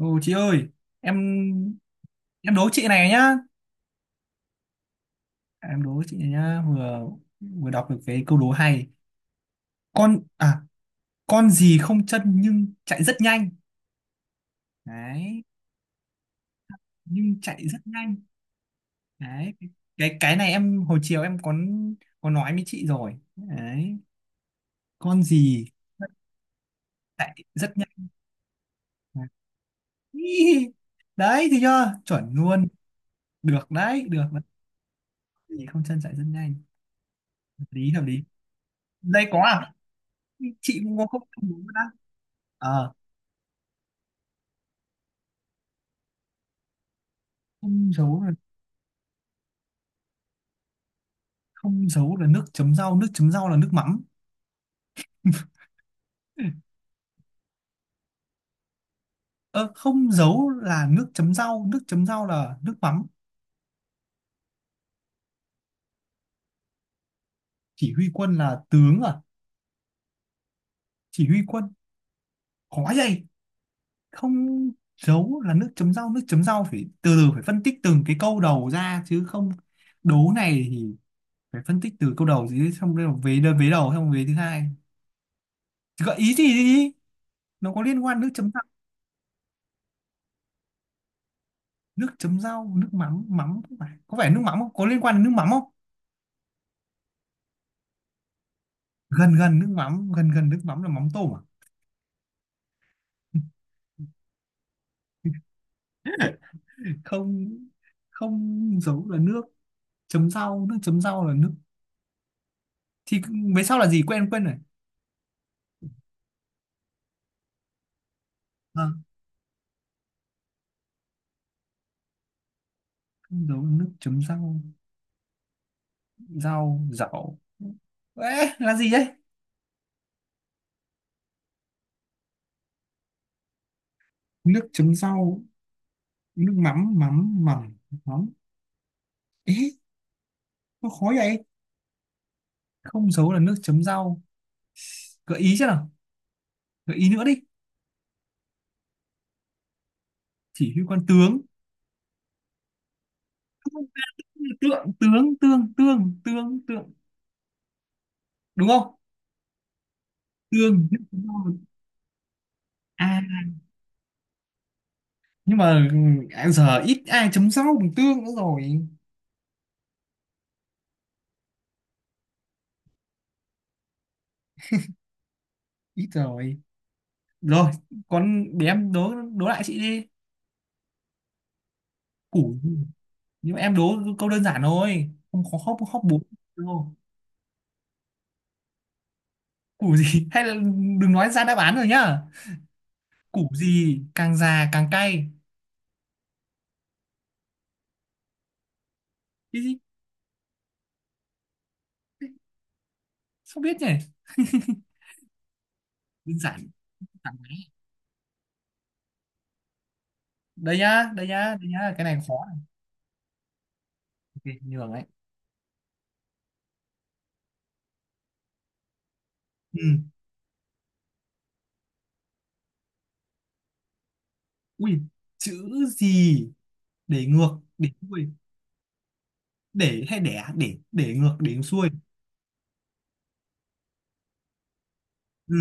Ô chị ơi, em em đố chị này nhá. Em đố chị này nhá, vừa vừa đọc được cái câu đố hay. Con à, con gì không chân nhưng chạy rất nhanh. Đấy, nhưng chạy rất nhanh. Đấy, cái này em hồi chiều em có nói với chị rồi. Đấy, con gì chạy rất nhanh. Ý, Đấy thì chưa? Chuẩn luôn. Được đấy, được đấy. Con Gì không chân chạy rất nhanh. Hợp lý hợp lý. Đây có à? Chị cũng có không đố nữa. không giấu là Không giấu là nước chấm rau, nước chấm rau là nước mắm. Ờ, Không giấu là nước chấm rau, nước chấm rau là nước mắm. Chỉ huy quân là tướng à? Chỉ huy quân, khó vậy. Không giấu là nước chấm rau, nước chấm rau phải từ từ, phải phân tích từng cái câu đầu ra chứ. Không đố này thì phải phân tích từ câu đầu chứ, xong rồi vế đơn, vế đầu xong vế thứ hai. Thì gợi ý gì đi, nó có liên quan nước chấm rau. Nước chấm rau nước mắm mắm, có phải, có phải nước mắm không, có liên quan đến nước mắm không? Gần gần nước mắm, gần gần nước mắm là mắm tôm à? Không, không giấu là nước chấm rau, nước chấm rau là nước, thì về sau là gì, quên quên rồi. À, không giấu là nước chấm rau, rau rau. Ê, là gì đấy? Nước chấm rau nước mắm mắm mắm mắm, ế, nó khó vậy. Không giấu là nước chấm rau, gợi ý chứ nào, gợi ý nữa đi. Chỉ huy quan tướng, tượng tướng tương tương tương tượng, đúng không? Tương nước chấm rau. À, nhưng mà giờ ít ai chấm rau bằng tương nữa rồi. Ít rồi. Rồi, con để em đố đố lại chị đi. Củ, nhưng mà em đố câu đơn giản thôi, không khó khóc khóc bố đâu. Củ gì hay là đừng nói ra đáp án rồi nhá. Củ gì càng già càng cay? Cái gì? Không biết nhỉ, đơn giản, càng máy. Đây nhá, đây nhá, đây nhá, cái này khó này. Ok, nhường đấy. Ừ. Ui, chữ gì để ngược để xuôi, để hay đẻ, để ngược để xuôi. Ừ.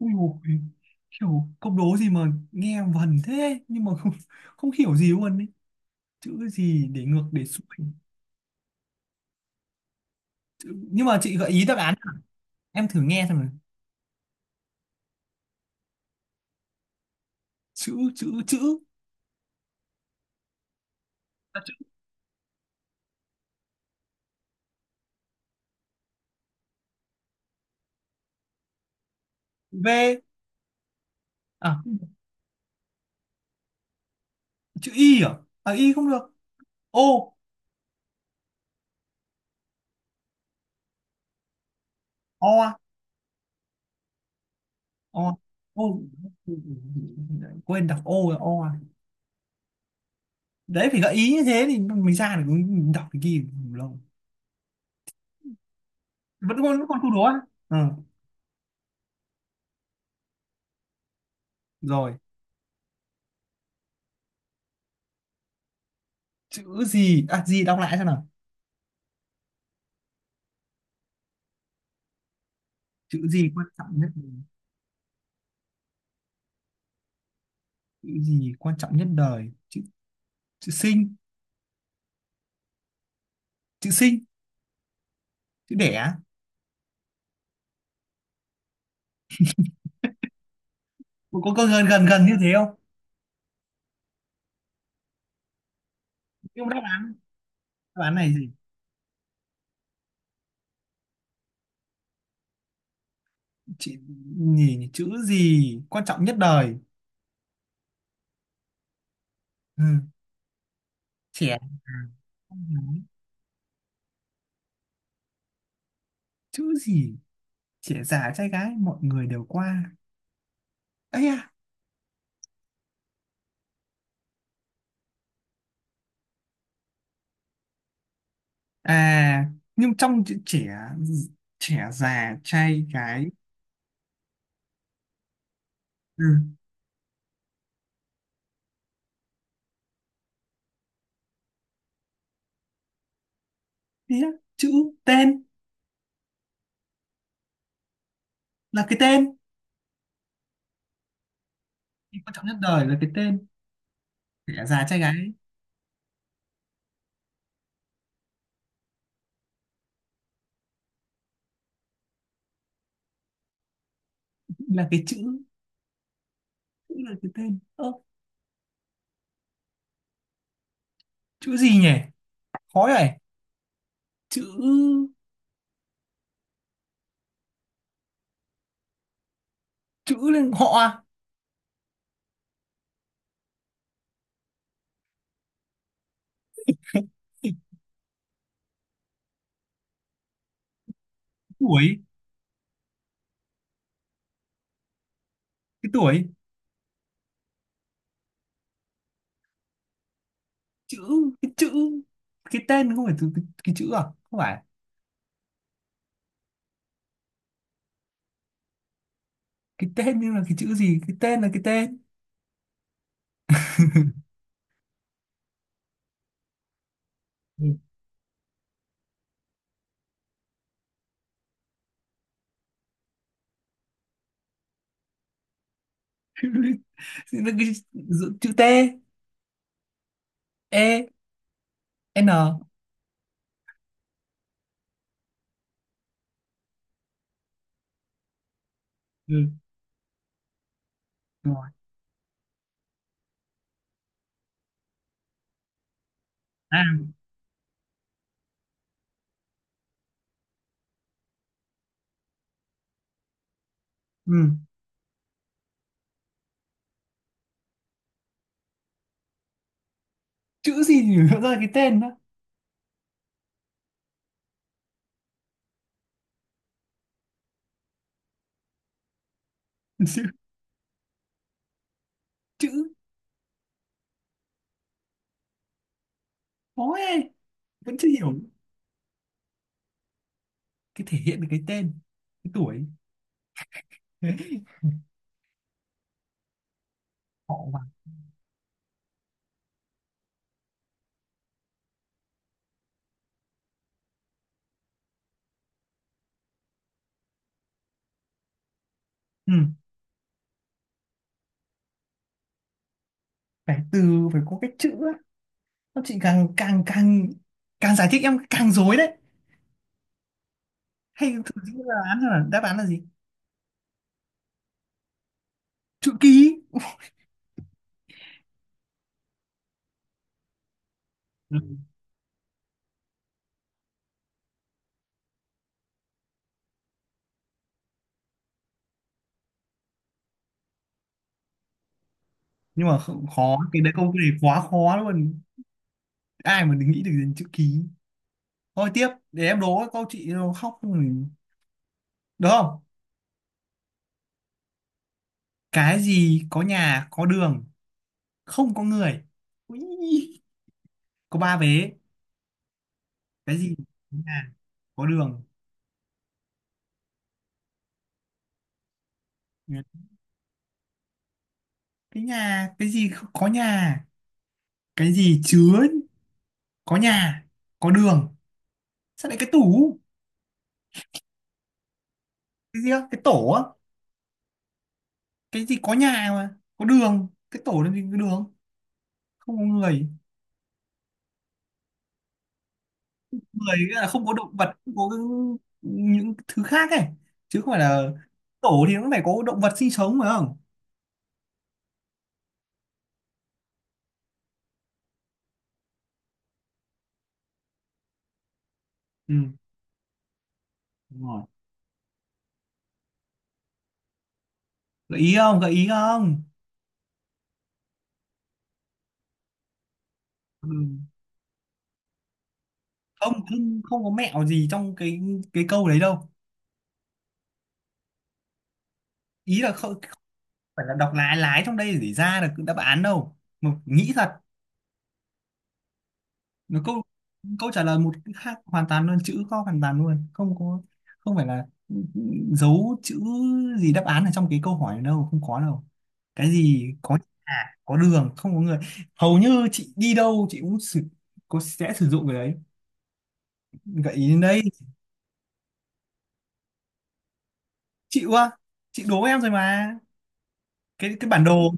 Ui dồi, kiểu câu đố gì mà nghe vần thế nhưng mà không hiểu gì luôn ấy. Chữ gì để ngược để xuôi? Chữ... nhưng mà chị gợi ý đáp án, em thử nghe xem nào. Chữ chữ chữ à, chữ V à? Chữ Y à? À Y không được. O. O à? O O, quên, đọc O là O à. Đấy phải gợi ý như thế thì mình ra được, đọc cái kia lâu. Vẫn còn, vẫn còn câu đố à? Ừ. Rồi, chữ gì à, gì đọc lại xem nào? Chữ gì quan trọng nhất, chữ gì quan trọng nhất đời? Chữ chữ sinh, chữ sinh, chữ đẻ. Có gần gần gần như thế không? Nhưng mà đáp án, đáp án này gì? Chữ nhỉ, chữ gì quan trọng nhất đời? Ừ. Trẻ già, con gái. Chữ gì trẻ già trai gái mọi người đều qua? Ấy à? À nhưng trong chữ trẻ, trẻ già trai gái. Ừ. Thế á, chữ tên, là cái tên. Cái quan trọng nhất đời là cái tên. Trẻ già trai gái, là cái chữ, chữ là cái tên. Ơ, chữ gì nhỉ, khó này. Chữ, chữ lên họ à? Cái tuổi, cái tuổi. Chữ, cái chữ. Cái tên không phải từ cái chữ à? Không phải, cái tên nhưng là cái chữ gì? Cái tên là cái tên. Ừ. Thì Là cái, chữ chữ T E N. Ừ. Rồi. À. Ừ. Chữ gì nhỉ, nó ra cái tên đó? chữ chữ, khó ấy. Vẫn chưa hiểu. Cái thể hiện được cái tên? Cái tuổi? Họ mà. Ừ. Phải từ, phải có cái chữ á. Các chị càng càng càng càng giải thích em càng rối đấy. Hay thử nghĩ là án là đáp án là gì? Chữ ký. Ừ. Nhưng mà khó cái đấy, câu này quá khó luôn. Ai mà nghĩ được đến chữ ký. Thôi tiếp để em đố câu, chị nó khóc rồi. Được không? Cái gì có nhà, có đường, không có người. Ui, có ba vế. Cái gì có nhà, có đường. Cái nhà, cái gì không có nhà, cái gì chứa có nhà, có đường. Sao lại cái tủ? Cái gì á, cái tổ á? Cái gì có nhà mà có đường, cái tổ làm gì có đường? Không có người, người nghĩa là không có động vật, không có những thứ khác ấy, chứ không phải là tổ thì nó phải có động vật sinh sống phải không? Ừ, đúng rồi. Gợi ý không, gợi ý không? Ừ. không không, không có mẹo gì trong cái câu đấy đâu. Ý là không phải là đọc lái lái trong đây để ra được đáp án đâu, mà nghĩ thật. Nó câu, câu trả lời một cái khác hoàn toàn luôn, chữ kho hoàn toàn luôn, không có, không phải là giấu chữ gì đáp án ở trong cái câu hỏi đâu, không có đâu. Cái gì có à, có đường không có người, hầu như chị đi đâu chị cũng có sẽ sử dụng cái đấy. Gợi ý đến đây, chịu quá, chị đố em rồi mà, cái bản đồ.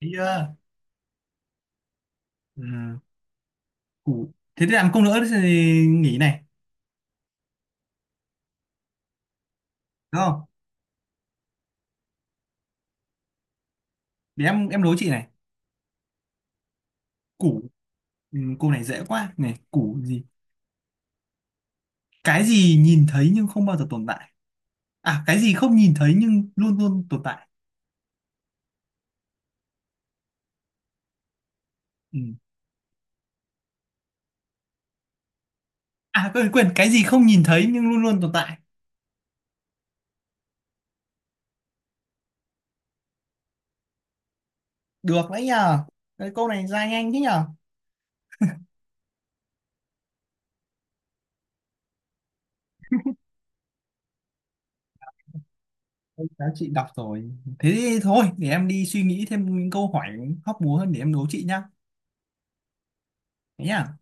Thấy chưa. Ừ. Củ thế thì làm công nữa thì nghỉ này, đúng không? Để em đố chị này. Củ, cô này dễ quá này. Củ gì, cái gì nhìn thấy nhưng không bao giờ tồn tại, à cái gì không nhìn thấy nhưng luôn luôn tồn tại. Ừ. À quên quên, cái gì không nhìn thấy nhưng luôn luôn tồn tại. Được đấy nhờ, cái câu này ra nhanh thế nhờ. Ôi, các chị đọc rồi, thế thì thôi để em đi suy nghĩ thêm những câu hỏi hóc búa hơn để em đố chị nhá. Thế nhá.